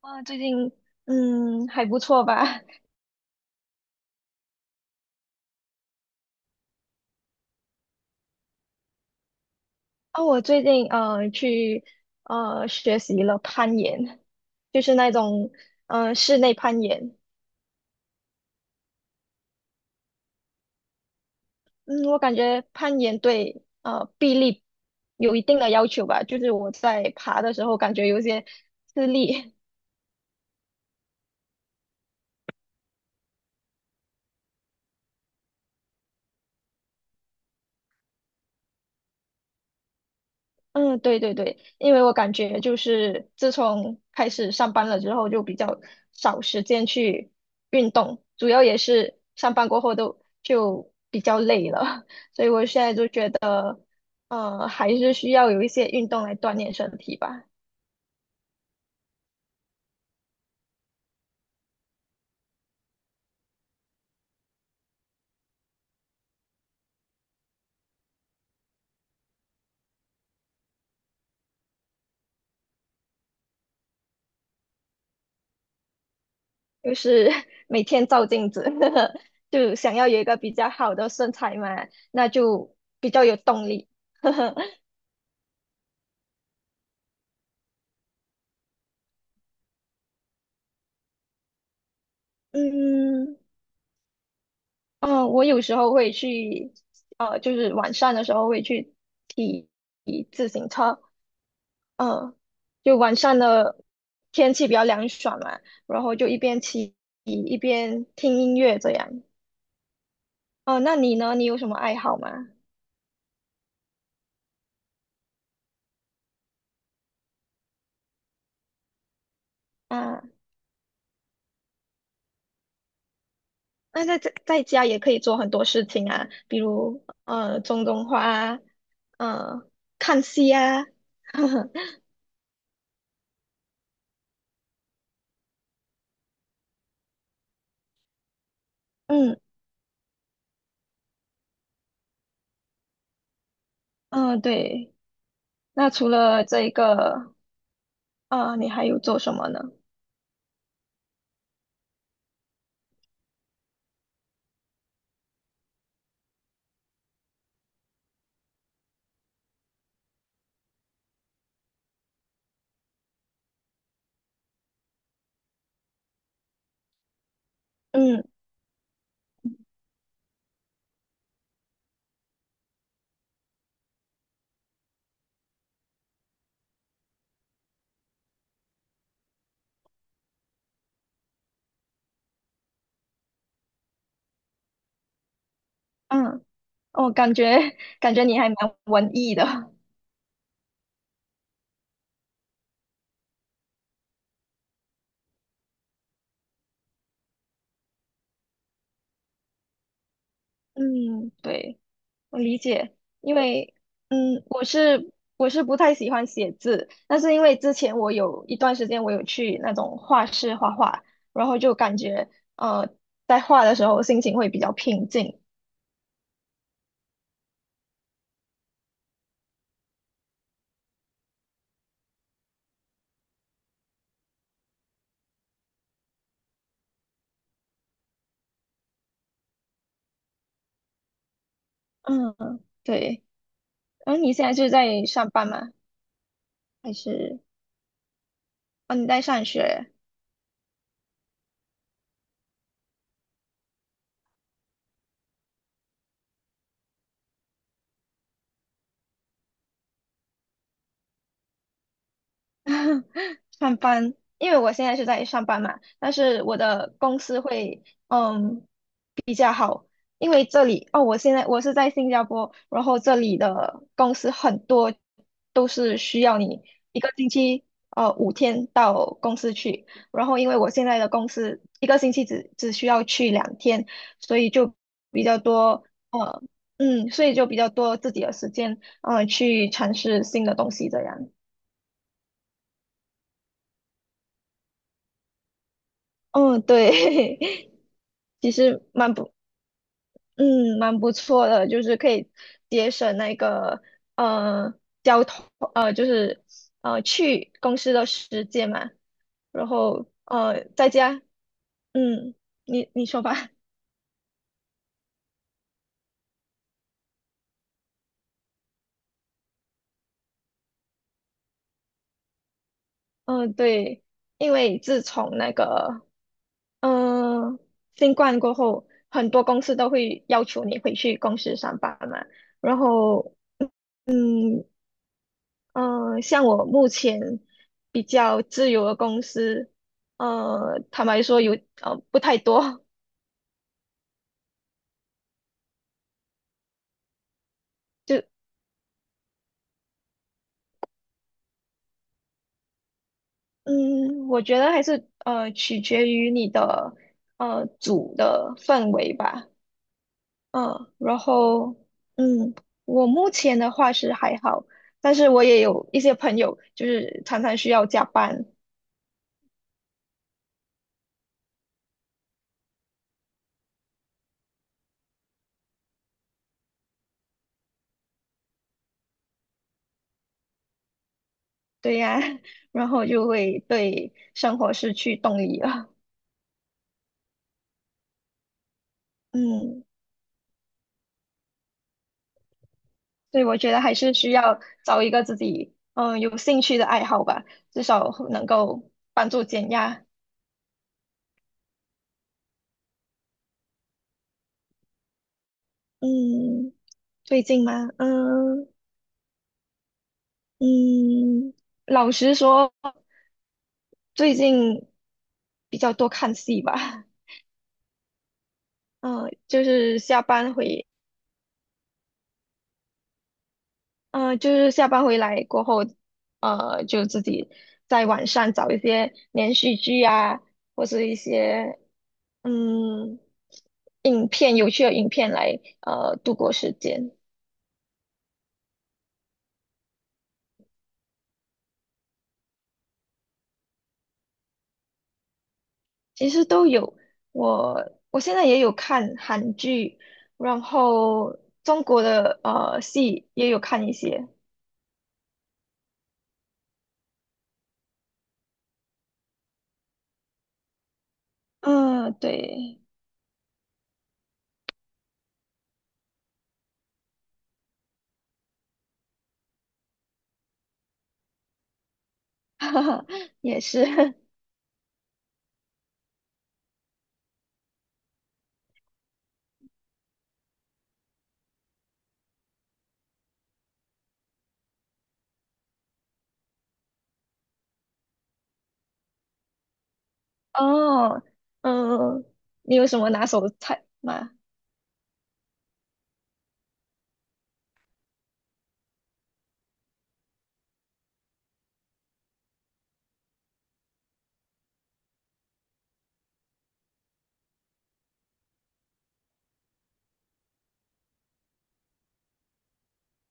啊，最近还不错吧？啊，我最近去学习了攀岩，就是那种室内攀岩。嗯，我感觉攀岩对臂力有一定的要求吧，就是我在爬的时候感觉有些吃力。嗯，对对对，因为我感觉就是自从开始上班了之后，就比较少时间去运动，主要也是上班过后都就比较累了，所以我现在就觉得，还是需要有一些运动来锻炼身体吧，就是 每天照镜子，就想要有一个比较好的身材嘛，那就比较有动力。嗯。哦，我有时候会去，就是晚上的时候会去骑骑自行车，嗯，就晚上的天气比较凉爽嘛，然后就一边骑一边听音乐这样。哦，那你呢？你有什么爱好吗？啊，那在家也可以做很多事情啊，比如种种花啊，呃看戏啊，嗯嗯，对。那除了这个，啊，你还有做什么呢？嗯。嗯，哦，感觉你还蛮文艺的。嗯，对，我理解，因为嗯，我是不太喜欢写字，但是因为之前我有一段时间我有去那种画室画画，然后就感觉呃，在画的时候心情会比较平静。嗯，对。嗯，你现在是在上班吗？还是哦你在上学？上班，因为我现在是在上班嘛，但是我的公司会比较好，因为这里哦，我现在我是在新加坡，然后这里的公司很多都是需要你一个星期五天到公司去，然后因为我现在的公司一个星期只需要去两天，所以就比较多呃所以就比较多自己的时间去尝试新的东西这样，嗯对。其实蛮不，嗯，蛮不错的，就是可以节省那个呃交通，就是去公司的时间嘛，然后在家，嗯，你你说吧，嗯，对，因为自从那个嗯、呃新冠过后，很多公司都会要求你回去公司上班嘛，然后。嗯。嗯，像我目前比较自由的公司，坦白说有不太多，就嗯，我觉得还是取决于你的组的氛围吧，嗯，然后嗯，我目前的话是还好，但是我也有一些朋友就是常常需要加班，对呀，然后就会对生活失去动力了，嗯。所以我觉得还是需要找一个自己有兴趣的爱好吧，至少能够帮助减压。嗯，最近吗？嗯嗯，老实说，最近比较多看戏吧。嗯，就是下班回，嗯，就是下班回来过后，就自己在网上找一些连续剧啊，或者一些嗯，有趣的影片来度过时间，其实都有。我现在也有看韩剧，然后中国的戏也有看一些。嗯，对，哈哈，也是。哦，嗯，你有什么拿手的菜吗？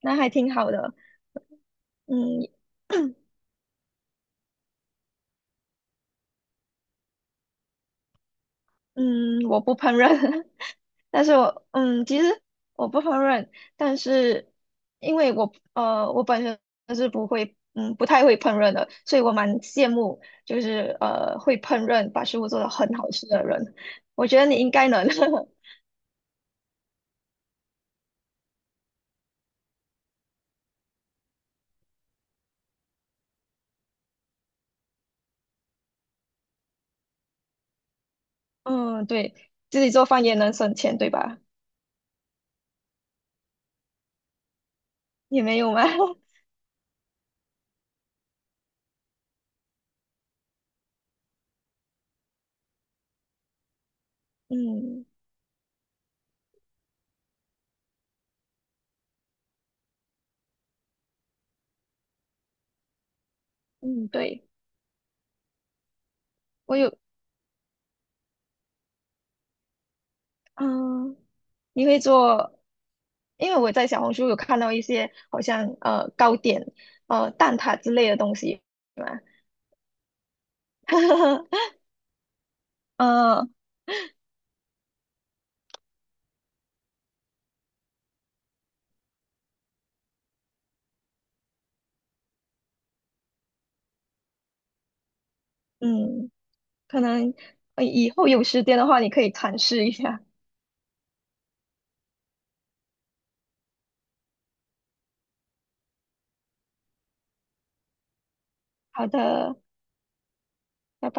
那还挺好的。嗯，嗯，我不烹饪，但是我嗯，其实我不烹饪，但是因为我我本身是不会不太会烹饪的，所以我蛮羡慕就是会烹饪把食物做得很好吃的人，我觉得你应该能，嗯，对，自己做饭也能省钱，对吧？也没有吗？嗯嗯，对，我有，嗯、你会做？因为我在小红书有看到一些好像糕点、蛋挞之类的东西嘛，呃嗯，可能以后有时间的话，你可以尝试一下。好的。拜拜。